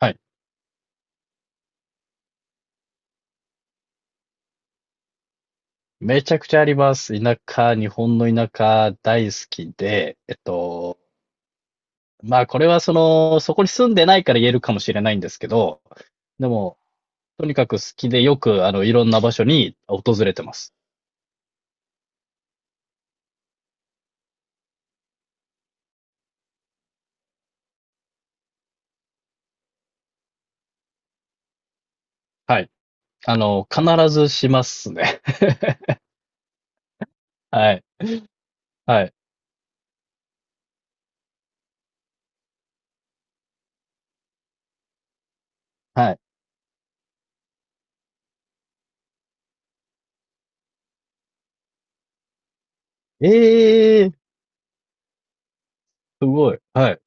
はい。めちゃくちゃあります。田舎、日本の田舎大好きで、まあこれはその、そこに住んでないから言えるかもしれないんですけど、でも、とにかく好きでよく、いろんな場所に訪れてます。はい。必ずしますね。はい。はい。はい。ええー、すごい。はい。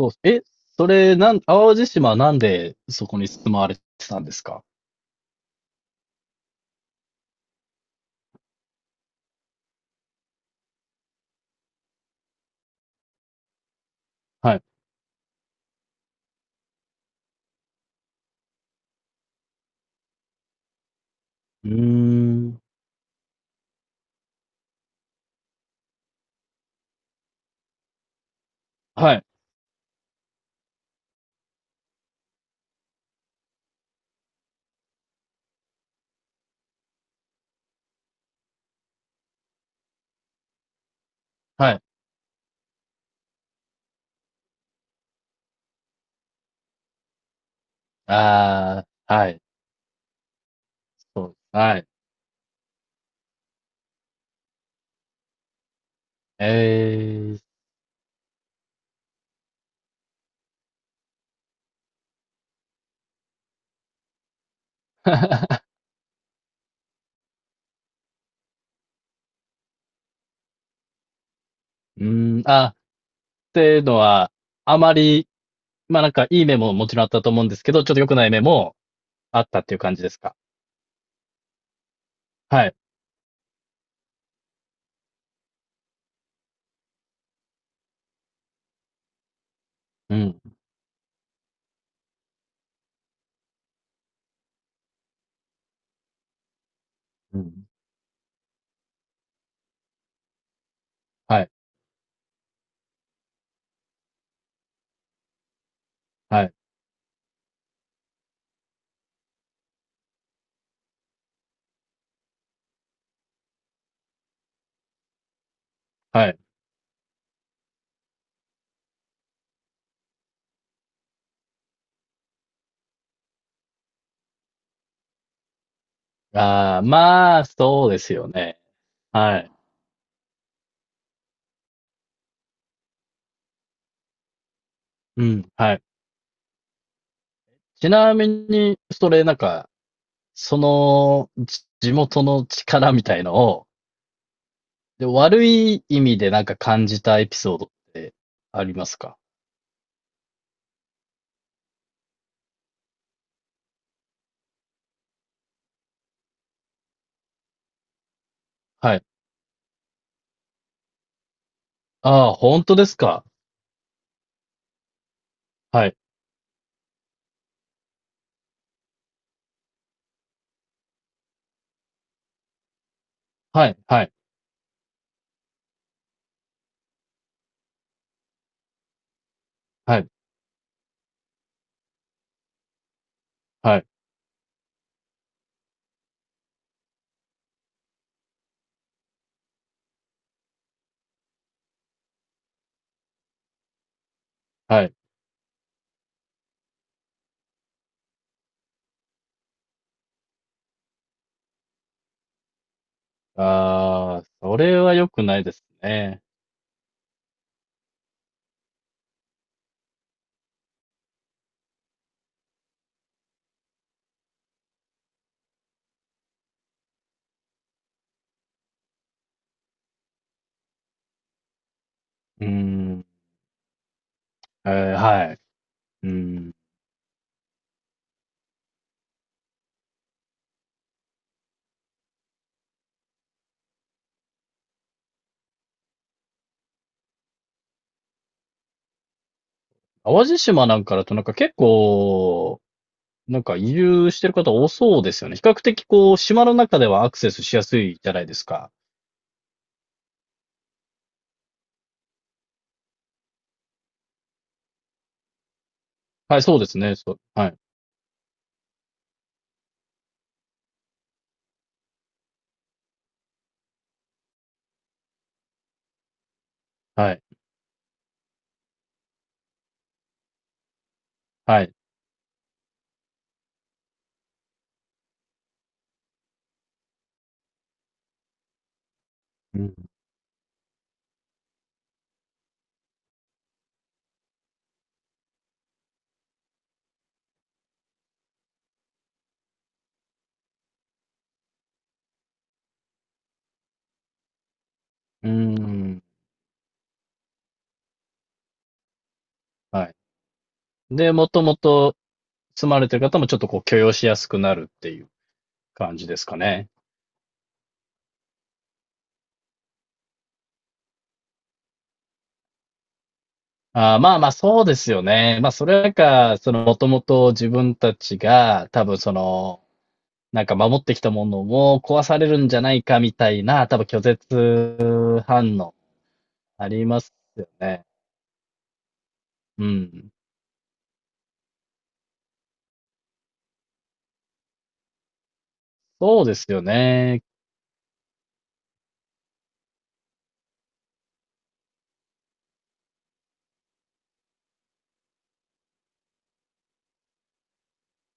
そうっす。え、それ、なん、淡路島はなんでそこに住まわれてたんですか？はい。うーん。はい。はい。ああ、はい、そう、はい。ええ うーん、っていうのは、あまり、まあなんかいい面ももちろんあったと思うんですけど、ちょっと良くない面もあったっていう感じですか？はい。うん、うん。はい、はい、はい。ああ、まあ、そうですよね。はい。うん、はい。ちなみに、それなんか、その、地元の力みたいのを、で、悪い意味でなんか感じたエピソードってありますか？はい。ああ、本当ですか？はい。はい。はい。はい。はい。はい。ああ、それは良くないですね。うーん。はい。うん。淡路島なんかだとなんか結構、なんか移住してる方多そうですよね。比較的こう、島の中ではアクセスしやすいじゃないですか。はい、そうですね。そう。はい。はい。はい。うん。うーん。はい。で、もともと住まれてる方もちょっとこう許容しやすくなるっていう感じですかね。ああ、まあまあ、そうですよね。まあ、それか、その、もともと自分たちが、多分その、なんか守ってきたものも壊されるんじゃないかみたいな、多分拒絶反応ありますよね。うん。そうですよね。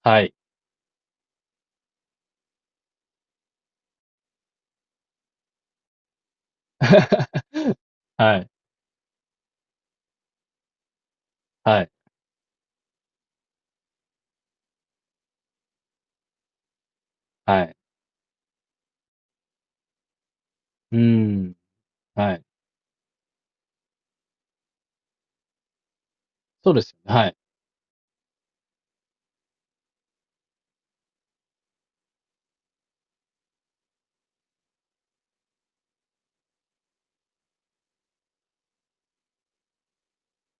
はい。はい。はい。はい。うん。はい。そうですよね。はい。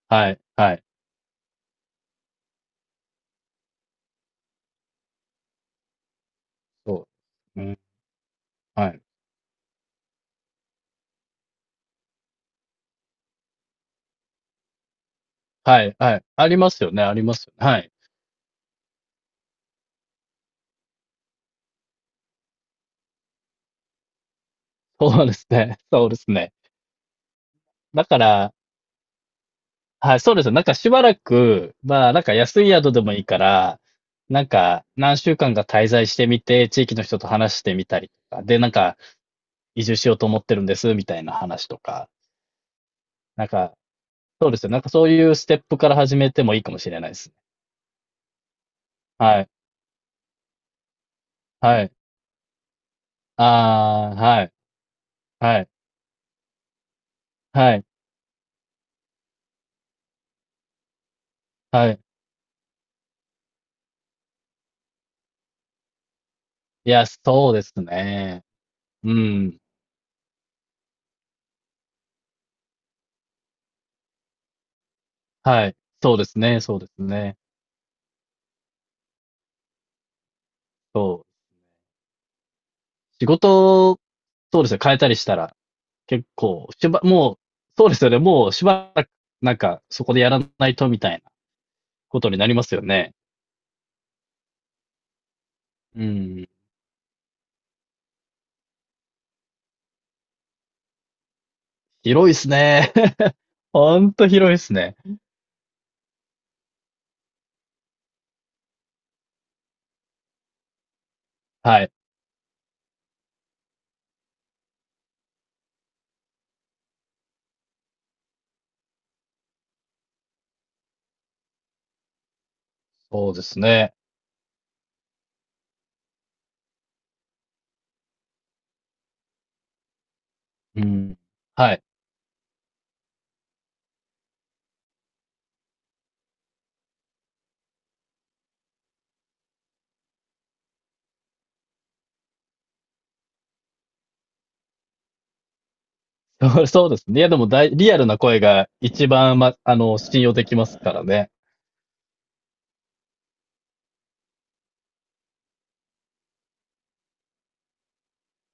はい。はい。そう。うん。はい。はい。はい。ありますよね。ありますよね。はい。そうですね。そうですね。だからはい、そうですよ。なんかしばらく、まあ、なんか安い宿でもいいから、なんか何週間か滞在してみて、地域の人と話してみたりとか、で、なんか移住しようと思ってるんです、みたいな話とか、なんか、そうですよ。なんかそういうステップから始めてもいいかもしれないですね。はい、はい。ああ、はい、はい、はい、はい。いや、そうですね。うん。はい。そうですね、そうですね。そう。仕事、そうですね、変えたりしたら、結構、もう、そうですよね。もうしばらく、なんか、そこでやらないとみたいなことになりますよね。うん。広いですね。ほんと広いですね。はい。そうですね。うん。はい。そうそうですね。いや、でもリアルな声が一番、ま、あの、信用できますからね。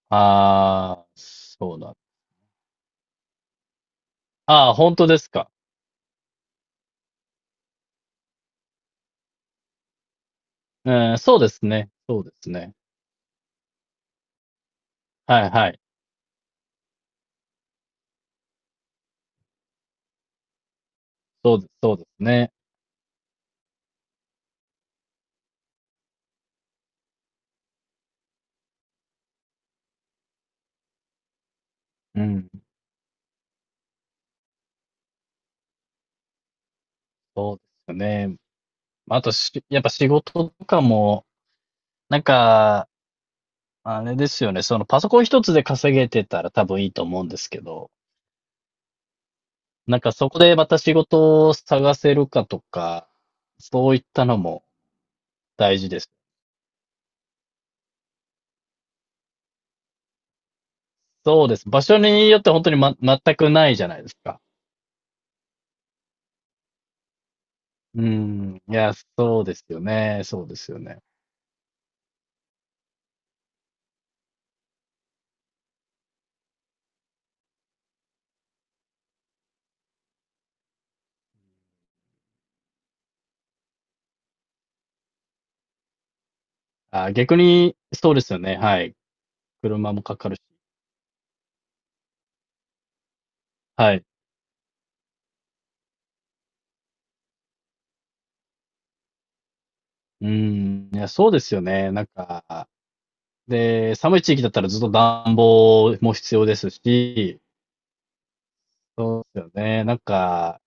ああ、そうなんああ、本当ですか？うん、そうですね。そうですね。はいはい。そうです、そうですね。うん、そうですね。まあ、あとし、やっぱ仕事とかも、なんか、あれですよね。そのパソコン一つで稼げてたら多分いいと思うんですけど、なんかそこでまた仕事を探せるかとか、そういったのも大事です。そうです。場所によって本当に全くないじゃないですか。うん。いや、そうですよね。そうですよね。あ、逆に、そうですよね。はい。車もかかるし。はい。うん。いや、そうですよね。なんか、で、寒い地域だったらずっと暖房も必要ですし、そうですよね。なんか、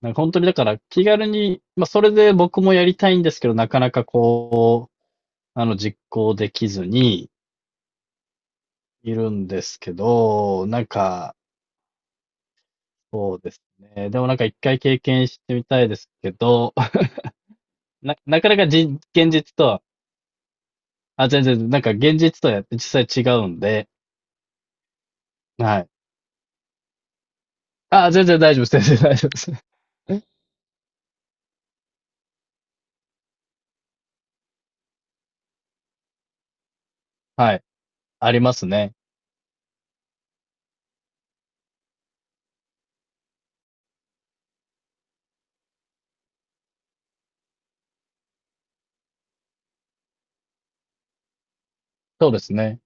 なんか本当にだから気軽に、まあそれで僕もやりたいんですけど、なかなかこう、実行できずにいるんですけど、なんか、そうですね。でもなんか一回経験してみたいですけど、な、なかなかじ、現実とは、全然、なんか現実とは実際違うんで、はい。あ、全然大丈夫です。全然大丈夫です。はい。ありますね。そうですね。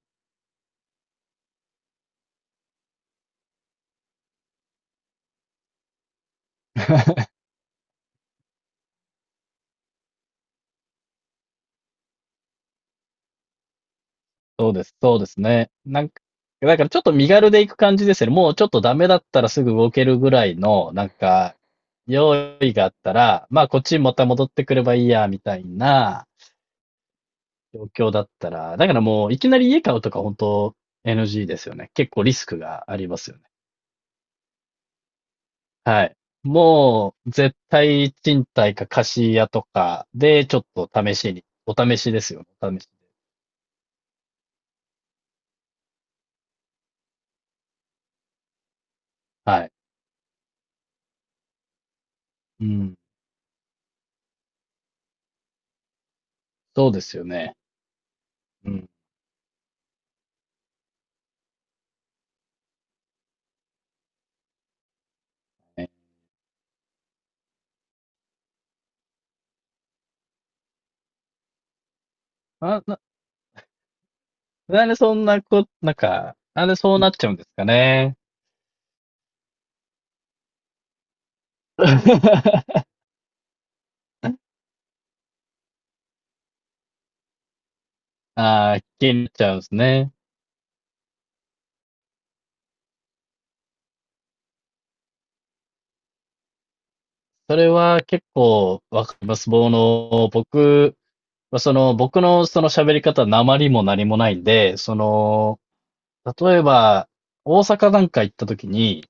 そうです、そうですね。なんか、だからちょっと身軽で行く感じですよね。もうちょっとダメだったらすぐ動けるぐらいの、なんか、用意があったら、まあこっちにまた戻ってくればいいや、みたいな状況だったら、だからもういきなり家買うとか本当 NG ですよね。結構リスクがありますよね。はい。もう絶対賃貸か貸し家とかでちょっと試しに、お試しですよね。お試し。はい。うん。そうですよね。うん。あ、なんでそんなこ、なんか、なんでそうなっちゃうんですかね。ああ、気になっちゃうんですね。それは結構わかります。僕、その、僕のその喋り方、訛りも何もないんで、その、例えば、大阪なんか行った時に、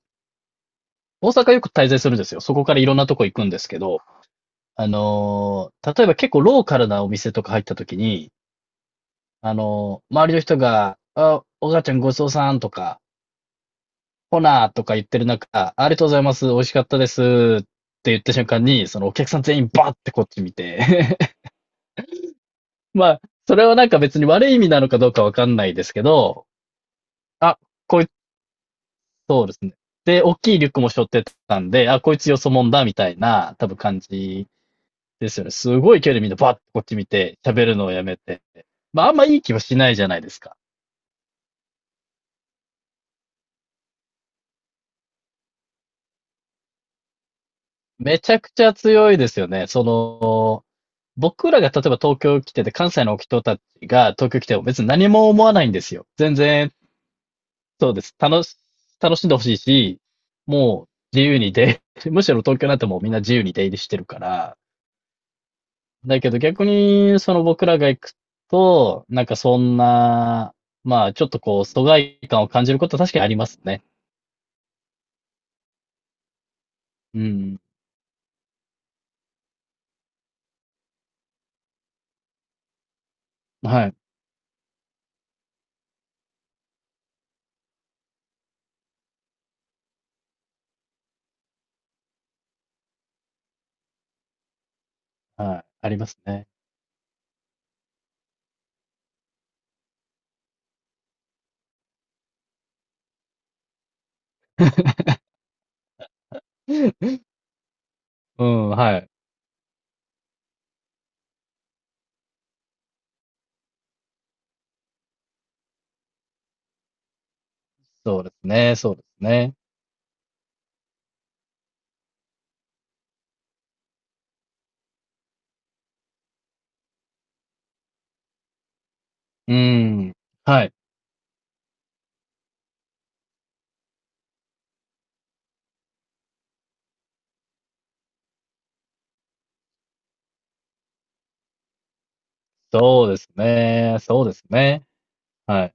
大阪よく滞在するんですよ。そこからいろんなとこ行くんですけど、例えば結構ローカルなお店とか入った時に、周りの人が、あ、お母ちゃんごちそうさんとか、ほなーとか言ってる中、ありがとうございます、美味しかったですって言った瞬間に、そのお客さん全員バーってこっち見て まあ、それはなんか別に悪い意味なのかどうかわかんないですけど、あ、こいつ、そうですね。で、大きいリュックも背負ってたんで、あ、こいつよそもんだ、みたいな、多分感じですよね。すごい距離みんなバッとこっち見て、喋るのをやめて。まあ、あんまいい気はしないじゃないですか。めちゃくちゃ強いですよね。その、僕らが例えば東京来てて、関西の人たちが東京来ても別に何も思わないんですよ。全然、そうです。楽しんでほしいし、もう自由に出、むしろ東京なんてもうみんな自由に出入りしてるから。だけど逆に、その僕らが行くと、なんかそんな、まあちょっとこう、疎外感を感じることは確かにありますね。うん。はい。はい。ありますね。うん、はい。そうですね。そうですね。うん。はい。そうですね。そうですね。はい。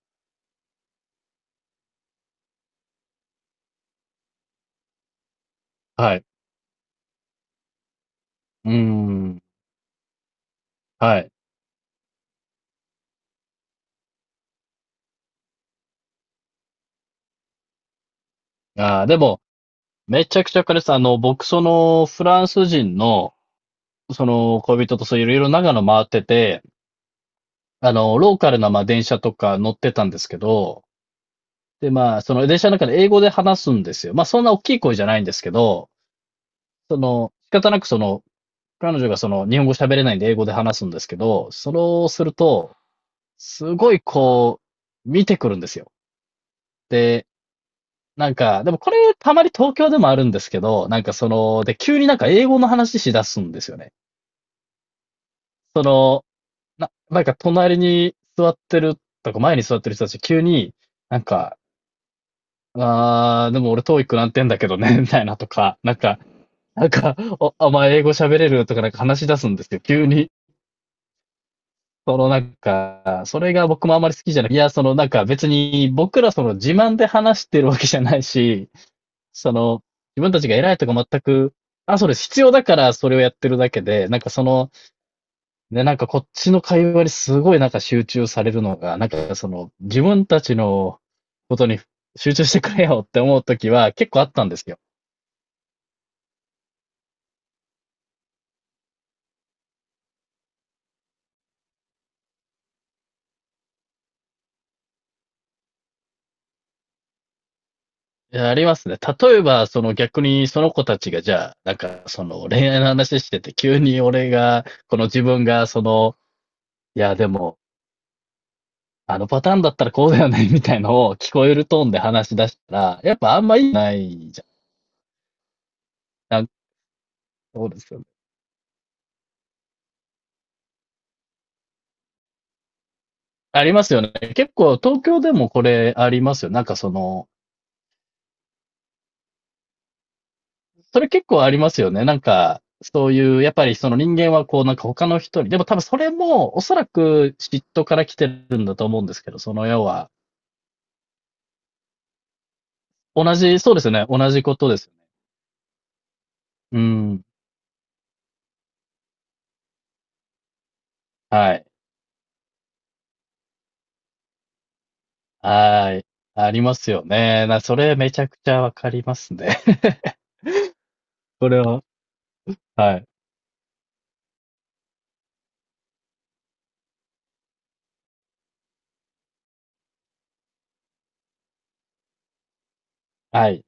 はい。うーん。はい。でも、めちゃくちゃ彼かす。僕、その、フランス人の、その、恋人と、そう、いろいろ長野回ってて、ローカルな、まあ、電車とか乗ってたんですけど、で、まあ、その電車の中で英語で話すんですよ。まあ、そんな大きい声じゃないんですけど、その、仕方なくその、彼女がその、日本語喋れないんで英語で話すんですけど、それをすると、すごいこう、見てくるんですよ。でなんか、でもこれたまに東京でもあるんですけど、なんかその、で、急になんか英語の話しだすんですよね。その、なんか隣に座ってるとか前に座ってる人たち急に、なんか、あー、でも俺トーイ i なんてんだけどね、みたいなとか、なんか、なんか、お前英語喋れるとかなんか話し出すんですよ、急に。そのなんか、それが僕もあまり好きじゃない。いや、そのなんか別に僕らその自慢で話してるわけじゃないし、その、自分たちが偉いとか全く、あ、それ必要だからそれをやってるだけで、なんかその、ね、なんかこっちの会話にすごいなんか集中されるのが、なんかその、自分たちのことに集中してくれよって思うときは結構あったんですよ。いやありますね。例えば、その逆にその子たちがじゃあ、なんかその恋愛の話してて、急に俺が、この自分がその、いやでも、あのパターンだったらこうだよね、みたいのを聞こえるトーンで話し出したら、やっぱあんまいいないじゃんそうですよね。ありますよね。結構東京でもこれありますよ。なんかその、それ結構ありますよね。なんか、そういう、やっぱりその人間はこうなんか他の人に、でも多分それもおそらく嫉妬から来てるんだと思うんですけど、その要は、同じ、そうですよね。同じことですよね。うん。はい。はい。ありますよね。それめちゃくちゃわかりますね。これは。はい。はい。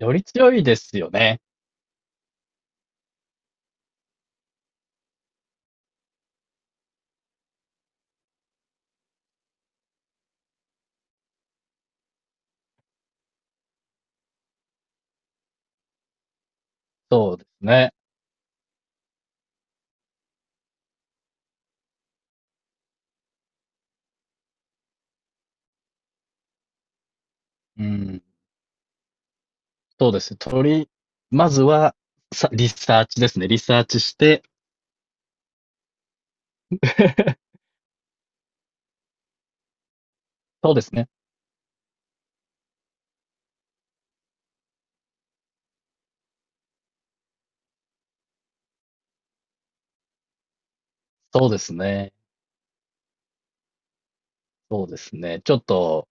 より強いですよね。そうですね。うん。そうですね。まずは、リサーチですね。リサーチして そうですね。そうですね。そうですね。ちょっと、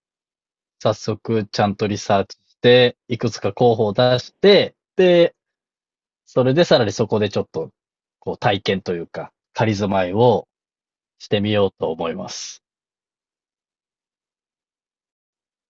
早速、ちゃんとリサーチして、いくつか候補を出して、で、それでさらにそこでちょっと、こう、体験というか、仮住まいをしてみようと思います。